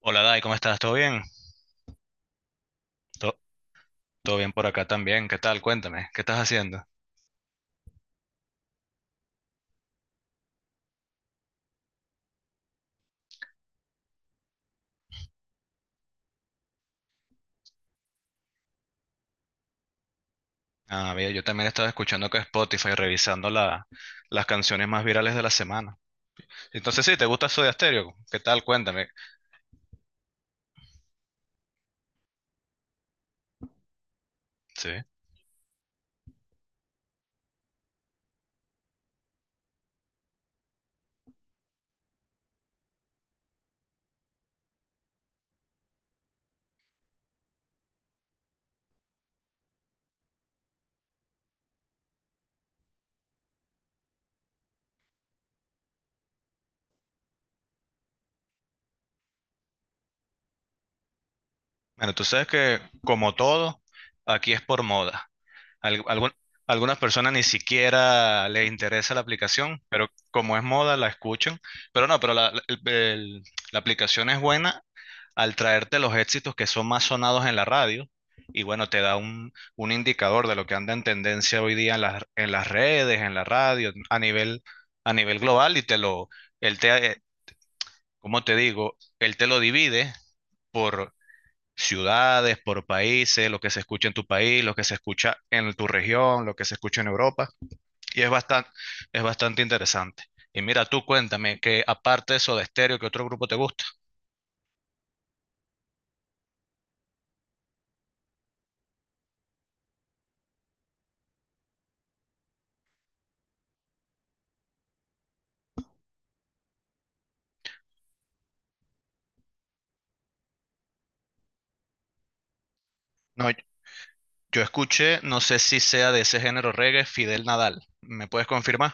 Hola Dai, ¿cómo estás? ¿Todo bien? To- Todo bien por acá también. ¿Qué tal? Cuéntame, ¿qué estás haciendo? Ah, bien, yo también estaba escuchando que Spotify, revisando las canciones más virales de la semana. Entonces sí, ¿te gusta Soda Stereo? ¿Qué tal? Cuéntame. Sí. Bueno, tú sabes que como todo, aquí es por moda. Al- algún- Algunas personas ni siquiera les interesa la aplicación, pero como es moda, la escuchan. Pero no, pero la aplicación es buena al traerte los éxitos que son más sonados en la radio. Y bueno, te da un indicador de lo que anda en tendencia hoy día en en las redes, en la radio, a nivel global. Y te lo, él te, ¿cómo te digo? Él te lo divide por ciudades, por países, lo que se escucha en tu país, lo que se escucha en tu región, lo que se escucha en Europa. Y es bastante interesante. Y mira, tú cuéntame que aparte de Soda Stereo, ¿qué otro grupo te gusta? No, yo escuché, no sé si sea de ese género reggae, Fidel Nadal. ¿Me puedes confirmar?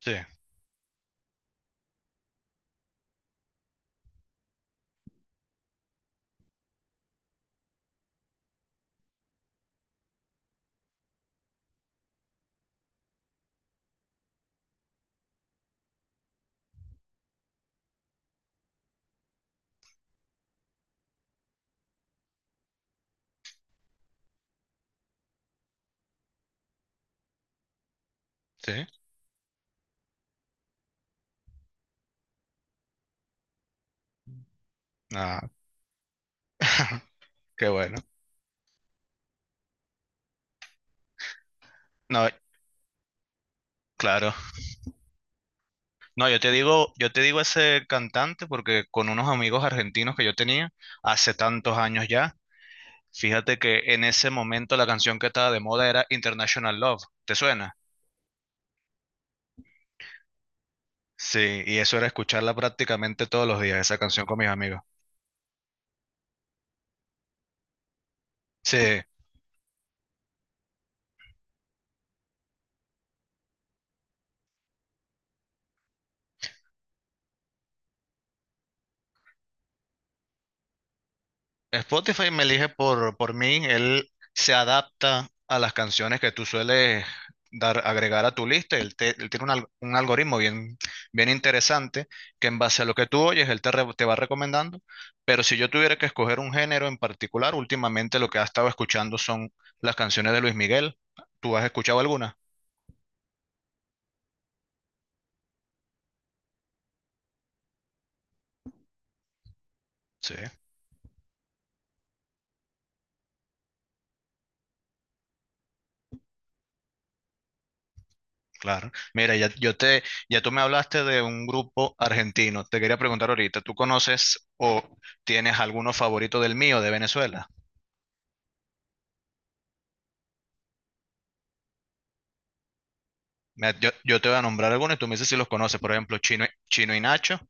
Sí, sí. Ah, qué bueno. No, claro. No, yo te digo ese cantante porque con unos amigos argentinos que yo tenía hace tantos años ya, fíjate que en ese momento la canción que estaba de moda era International Love. ¿Te suena? Sí, y eso era escucharla prácticamente todos los días, esa canción con mis amigos. Sí, Spotify me elige por mí, él se adapta a las canciones que tú sueles dar, agregar a tu lista, él, él tiene un algoritmo bien, bien interesante que en base a lo que tú oyes, él te, te va recomendando, pero si yo tuviera que escoger un género en particular, últimamente lo que ha estado escuchando son las canciones de Luis Miguel, ¿tú has escuchado alguna? Sí. Claro. Mira, ya, yo te, ya tú me hablaste de un grupo argentino. Te quería preguntar ahorita, ¿tú conoces o tienes alguno favorito del mío de Venezuela? Yo, yo te voy a nombrar algunos y tú me dices si los conoces. Por ejemplo, Chino, Chino y Nacho.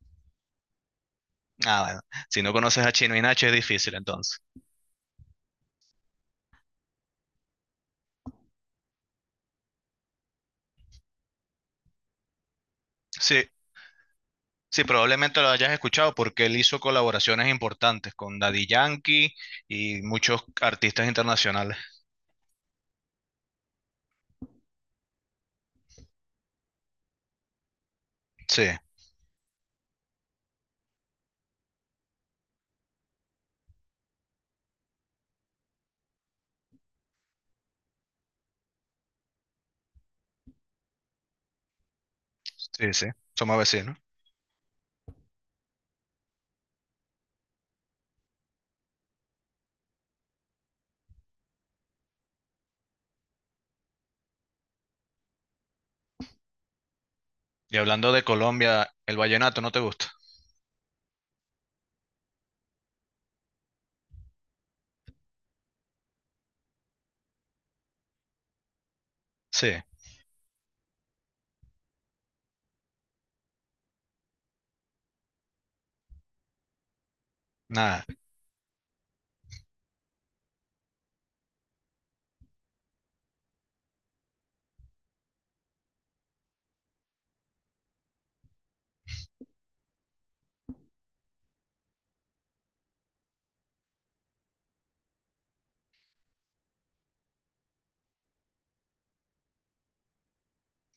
Ah, bueno. Si no conoces a Chino y Nacho es difícil entonces. Sí, sí, probablemente lo hayas escuchado porque él hizo colaboraciones importantes con Daddy Yankee y muchos artistas internacionales. Sí, sí, sí. Somos vecinos. Y hablando de Colombia, ¿el vallenato no te gusta? Sí. Nada.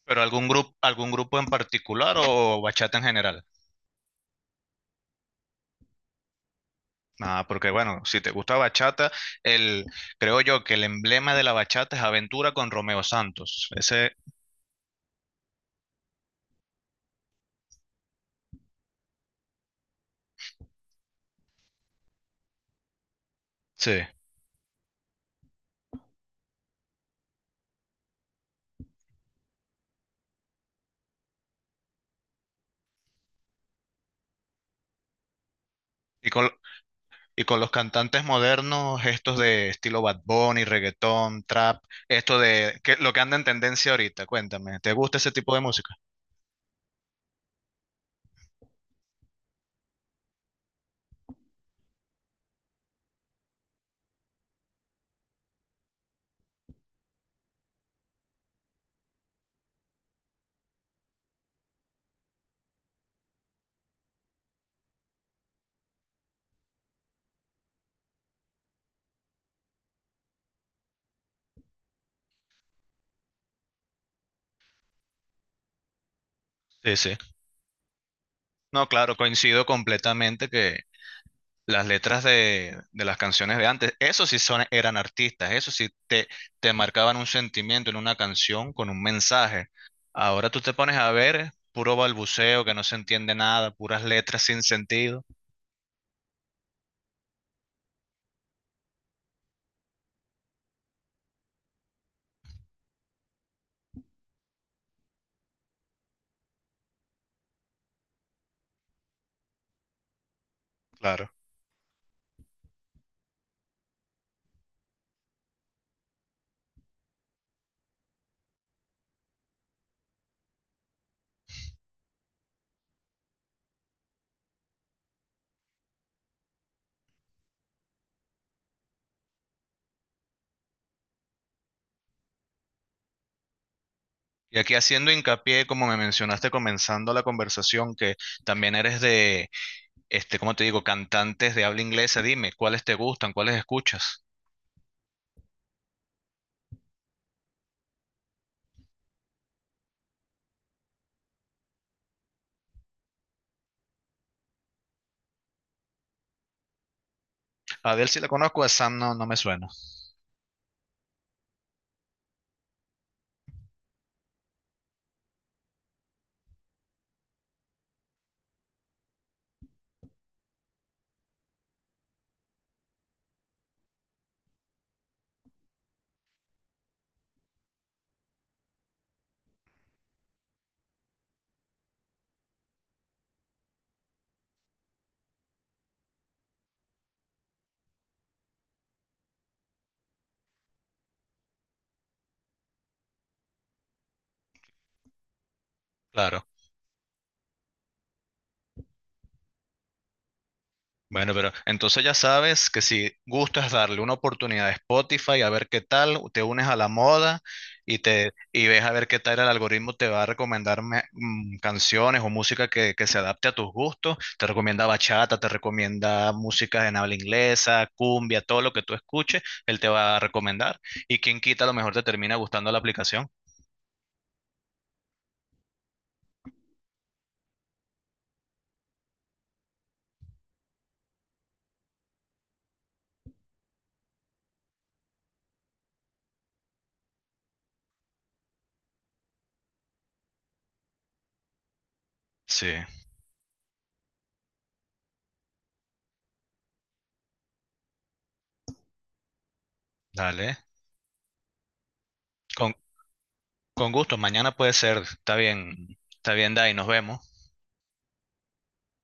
¿Pero algún grupo en particular o bachata en general? Ah, porque bueno, si te gusta bachata, el, creo yo que el emblema de la bachata es Aventura con Romeo Santos. Ese, sí. Y con, y con los cantantes modernos, estos de estilo Bad Bunny, reggaetón, trap, esto de que, lo que anda en tendencia ahorita, cuéntame, ¿te gusta ese tipo de música? Sí, sí. No, claro, coincido completamente que las letras de las canciones de antes, esos sí son, eran artistas, esos sí te marcaban un sentimiento en una canción con un mensaje. Ahora tú te pones a ver puro balbuceo que no se entiende nada, puras letras sin sentido. Claro. Y aquí haciendo hincapié, como me mencionaste comenzando la conversación, que también eres de, este, ¿cómo te digo?, cantantes de habla inglesa, dime, ¿cuáles te gustan? ¿Cuáles escuchas? A Adele sí la conozco, a Sam no, no me suena. Claro. Bueno, pero entonces ya sabes que si gustas darle una oportunidad a Spotify a ver qué tal, te unes a la moda y te y ves a ver qué tal el algoritmo te va a recomendar canciones o música que se adapte a tus gustos. Te recomienda bachata, te recomienda música en habla inglesa, cumbia, todo lo que tú escuches, él te va a recomendar. Y quien quita, a lo mejor te termina gustando la aplicación. Sí, dale. Con, con gusto, mañana puede ser. Está bien, Dai, nos vemos.